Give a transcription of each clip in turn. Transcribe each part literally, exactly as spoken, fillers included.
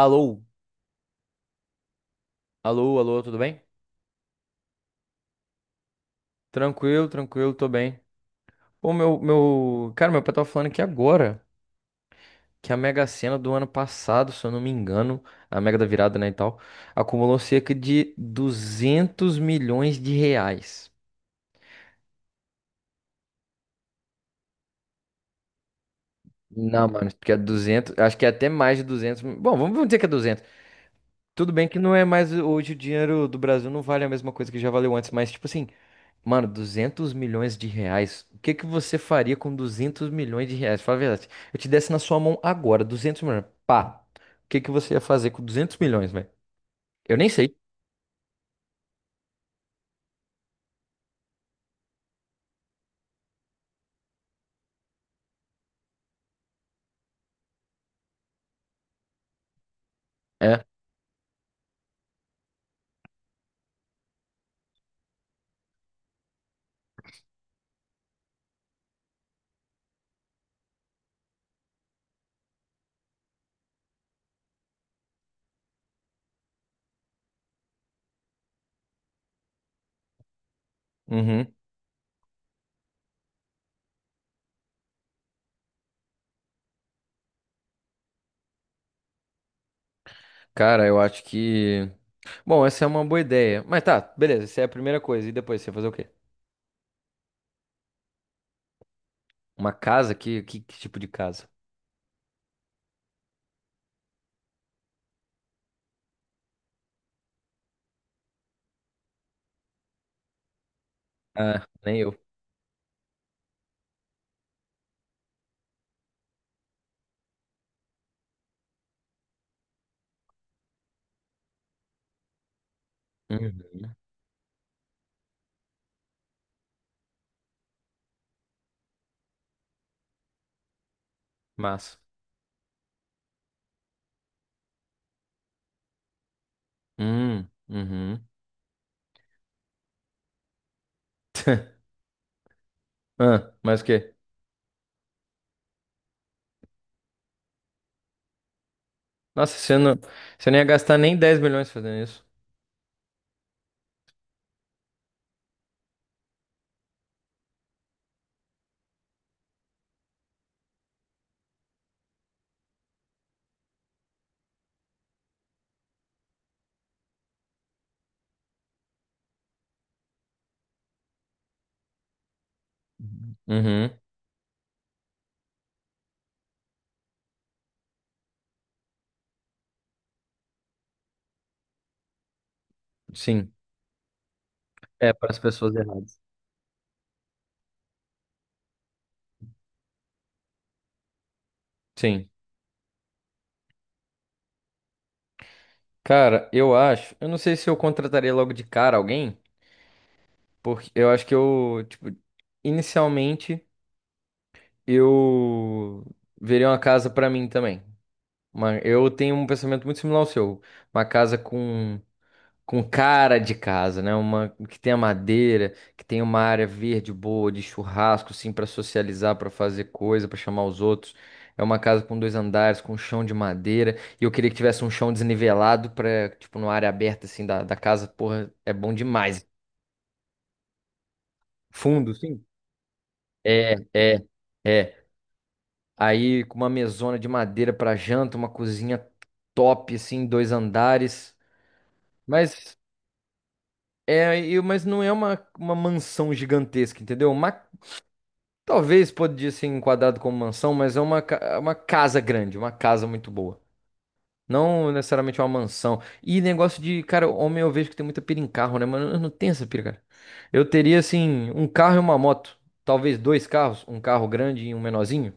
Alô, alô, alô, tudo bem? Tranquilo, tranquilo, tô bem. Ô, meu, meu. Cara, meu pai tava falando aqui agora que a Mega Sena do ano passado, se eu não me engano, a Mega da Virada, né, e tal, acumulou cerca de duzentos milhões de reais. Não, mano, porque é duzentos, acho que é até mais de duzentos. Bom, vamos vamos dizer que é duzentos. Tudo bem que não é mais hoje o dinheiro do Brasil não vale a mesma coisa que já valeu antes, mas tipo assim, mano, duzentos milhões de reais. O que que você faria com duzentos milhões de reais? Fala a verdade. Eu te desse na sua mão agora, duzentos milhões. Pá. O que que você ia fazer com duzentos milhões, velho? Eu nem sei. É. Uhum. Cara, eu acho que. Bom, essa é uma boa ideia. Mas tá, beleza. Essa é a primeira coisa. E depois, você ia fazer o quê? Uma casa? Que, que, que tipo de casa? Ah, nem eu. Uhum. Massa. Hum, uhum. Ah, mas o quê? Nossa, você não, você não ia gastar nem dez milhões fazendo isso. Uhum. Sim. É para as pessoas erradas. Sim. Cara, eu acho. Eu não sei se eu contrataria logo de cara alguém, porque eu acho que eu, tipo, inicialmente eu veria uma casa pra mim também. Mas eu tenho um pensamento muito similar ao seu. Uma casa com com cara de casa, né? Uma que tenha madeira, que tenha uma área verde boa de churrasco, assim, pra socializar, pra fazer coisa, pra chamar os outros. É uma casa com dois andares, com um chão de madeira. E eu queria que tivesse um chão desnivelado pra, tipo, numa área aberta, assim, da, da casa. Porra, é bom demais. Fundo, sim. É, é, é. Aí com uma mesona de madeira pra janta, uma cozinha top, assim, dois andares. Mas é, e- mas não é uma, uma mansão gigantesca, entendeu? Uma. Talvez podia ser enquadrado como mansão, mas é uma, ca- é uma casa grande, uma casa muito boa. Não necessariamente uma mansão. E negócio de, cara, homem eu vejo que tem muita pira em carro, né? Mas eu não tenho essa pira, cara. Eu teria, assim, um carro e uma moto. Talvez dois carros, um carro grande e um menorzinho,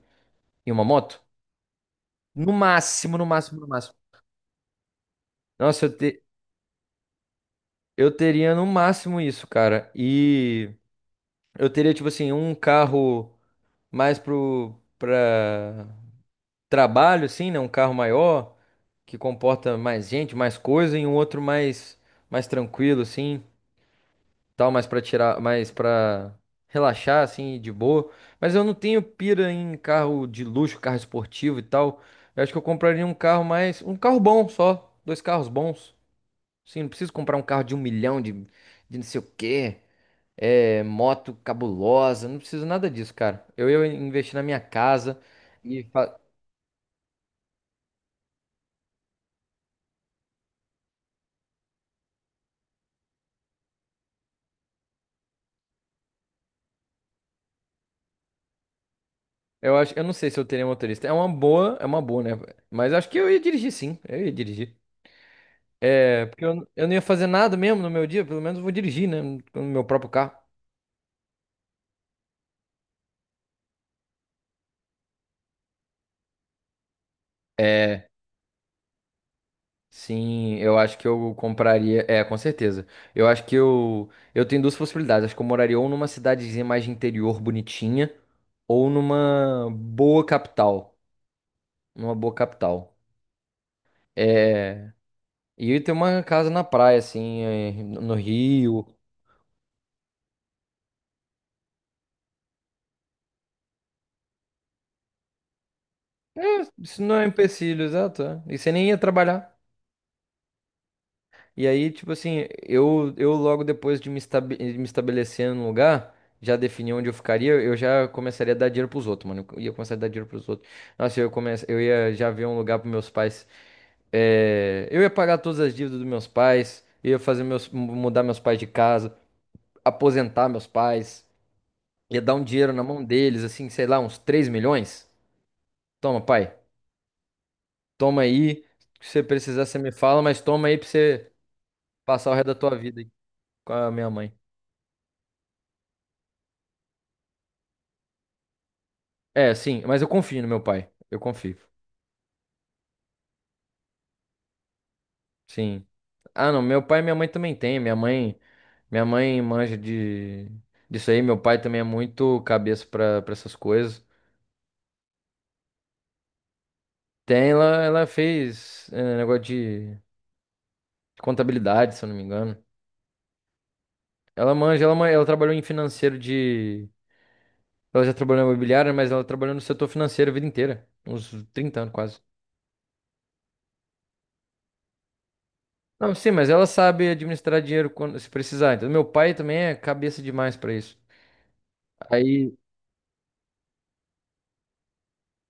e uma moto. No máximo, no máximo, no máximo. Nossa, eu, te- eu teria no máximo isso, cara. E eu teria, tipo assim, um carro mais pro, pra trabalho, assim, né? Um carro maior, que comporta mais gente, mais coisa, e um outro mais, mais tranquilo, assim, tal, mais pra tirar, mais pra relaxar, assim, de boa. Mas eu não tenho pira em carro de luxo, carro esportivo e tal. Eu acho que eu compraria um carro mais, um carro bom só, dois carros bons. Sim, não preciso comprar um carro de um milhão, de, de não sei o quê, é, moto cabulosa, não preciso nada disso, cara. Eu ia investir na minha casa. e fa- Eu acho, eu não sei se eu teria motorista. É uma boa, é uma boa, né? Mas acho que eu ia dirigir sim. Eu ia dirigir. É, porque eu, eu não ia fazer nada mesmo no meu dia, pelo menos eu vou dirigir, né? No meu próprio carro. É, sim, eu acho que eu compraria. É, com certeza. Eu acho que eu. Eu tenho duas possibilidades. Acho que eu moraria ou numa cidadezinha mais de interior, bonitinha, ou numa boa capital. Numa boa capital. É. E eu ia ter uma casa na praia, assim, eh, no no Rio. Isso não é um empecilho, exato. É. E você nem ia trabalhar. E aí, tipo assim, eu, eu logo depois de me, estabe- de me estabelecer num lugar, já defini onde eu ficaria, eu já começaria a dar dinheiro pros outros, mano. Eu ia começar a dar dinheiro pros outros. Nossa, eu, comece... eu ia já ver um lugar pros meus pais. é, Eu ia pagar todas as dívidas dos meus pais, eu ia fazer meus... mu- mudar meus pais de casa, aposentar meus pais, ia dar um dinheiro na mão deles, assim, sei lá, uns três milhões. Toma, pai, toma aí. Se você precisar, você me fala, mas toma aí pra você. Passar o resto da tua vida com a minha mãe. É, sim, mas eu confio no meu pai. Eu confio. Sim. Ah, não, meu pai e minha mãe também tem. Minha mãe, minha mãe manja de disso aí. Meu pai também é muito cabeça pra para essas coisas. Tem, ela, ela fez é, negócio de contabilidade, se eu não me engano. Ela manja, ela, man- ela trabalhou em financeiro de. Ela já trabalhou na imobiliária, mas ela trabalhou no setor financeiro a vida inteira. Uns trinta anos quase. Não, sim, mas ela sabe administrar dinheiro quando se precisar. Então, meu pai também é cabeça demais pra isso. Aí,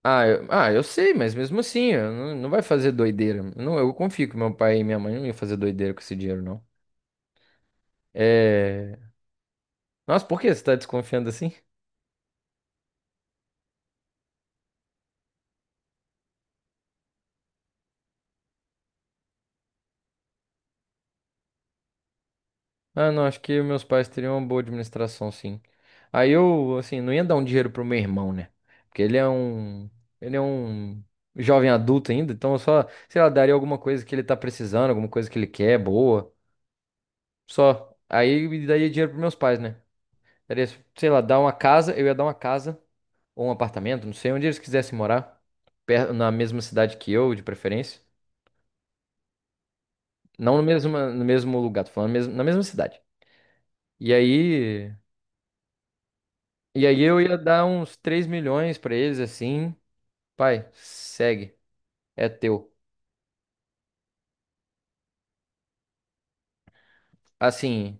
ah, eu, ah, eu sei, mas mesmo assim, eu não, não vai fazer doideira. Não, eu confio que meu pai e minha mãe não iam fazer doideira com esse dinheiro, não. É... Nossa, por que você tá desconfiando assim? Ah, não, acho que meus pais teriam uma boa administração, sim. Aí eu, assim, não ia dar um dinheiro pro meu irmão, né? Porque ele é um, ele é um jovem adulto ainda, então eu só, sei lá, daria alguma coisa que ele tá precisando, alguma coisa que ele quer, boa. Só. Aí me daria dinheiro pros meus pais, né? Daria, sei lá, dar uma casa, eu ia dar uma casa ou um apartamento, não sei, onde eles quisessem morar, per- na mesma cidade que eu, de preferência. Não no mesmo, no mesmo lugar, tô falando mesmo, na mesma cidade. E aí, e aí eu ia dar uns três milhões pra eles assim, pai, segue, é teu. Assim,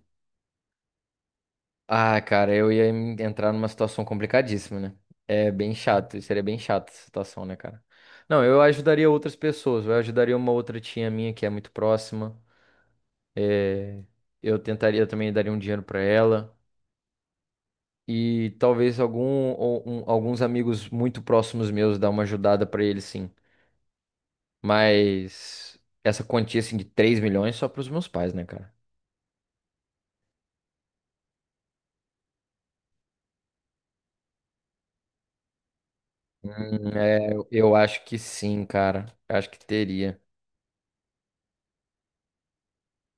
ah, cara, eu ia em- entrar numa situação complicadíssima, né? É bem chato, seria bem chata essa situação, né, cara? Não, eu ajudaria outras pessoas, eu ajudaria uma outra tia minha que é muito próxima. é, eu tentaria também daria um dinheiro pra ela e talvez algum ou um- alguns amigos muito próximos meus dar uma ajudada pra eles, sim. Mas essa quantia assim de três milhões só pros meus pais, né, cara? Hum, é, eu eu acho que sim, cara. Eu Acho que teria.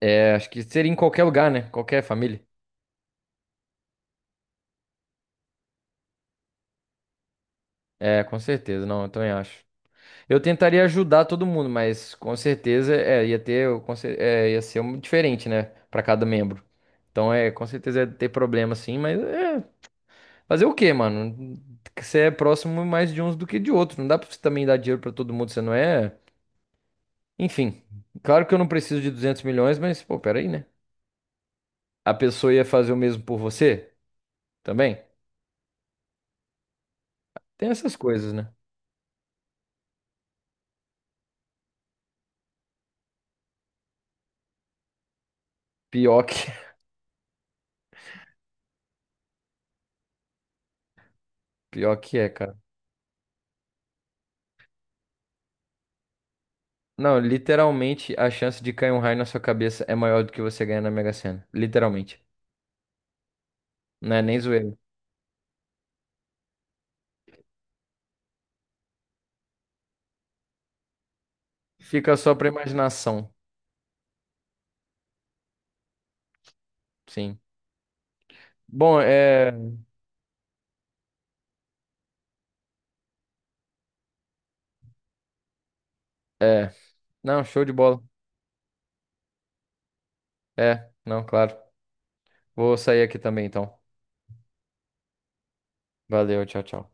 É, acho que seria em qualquer lugar, né? Qualquer família. É, com certeza. Não, eu também acho. Eu tentaria ajudar todo mundo, mas com certeza é, ia ter, o- com cer- é, ia ser um diferente, né? Pra cada membro. Então é, com certeza ia ter problema sim, mas é, fazer o quê, mano? Você é próximo mais de uns do que de outros. Não dá pra você também dar dinheiro pra todo mundo, você não é? Enfim, claro que eu não preciso de duzentos milhões, mas pô, peraí, né? A pessoa ia fazer o mesmo por você também? Tem essas coisas, né? Pior que, pior que é, cara. Não, literalmente a chance de cair um raio na sua cabeça é maior do que você ganhar na Mega Sena. Literalmente. Não é nem zoeira. Fica só pra imaginação. Sim. Bom, é. É. Não, show de bola. É, não, claro. Vou sair aqui também então. Valeu, tchau, tchau.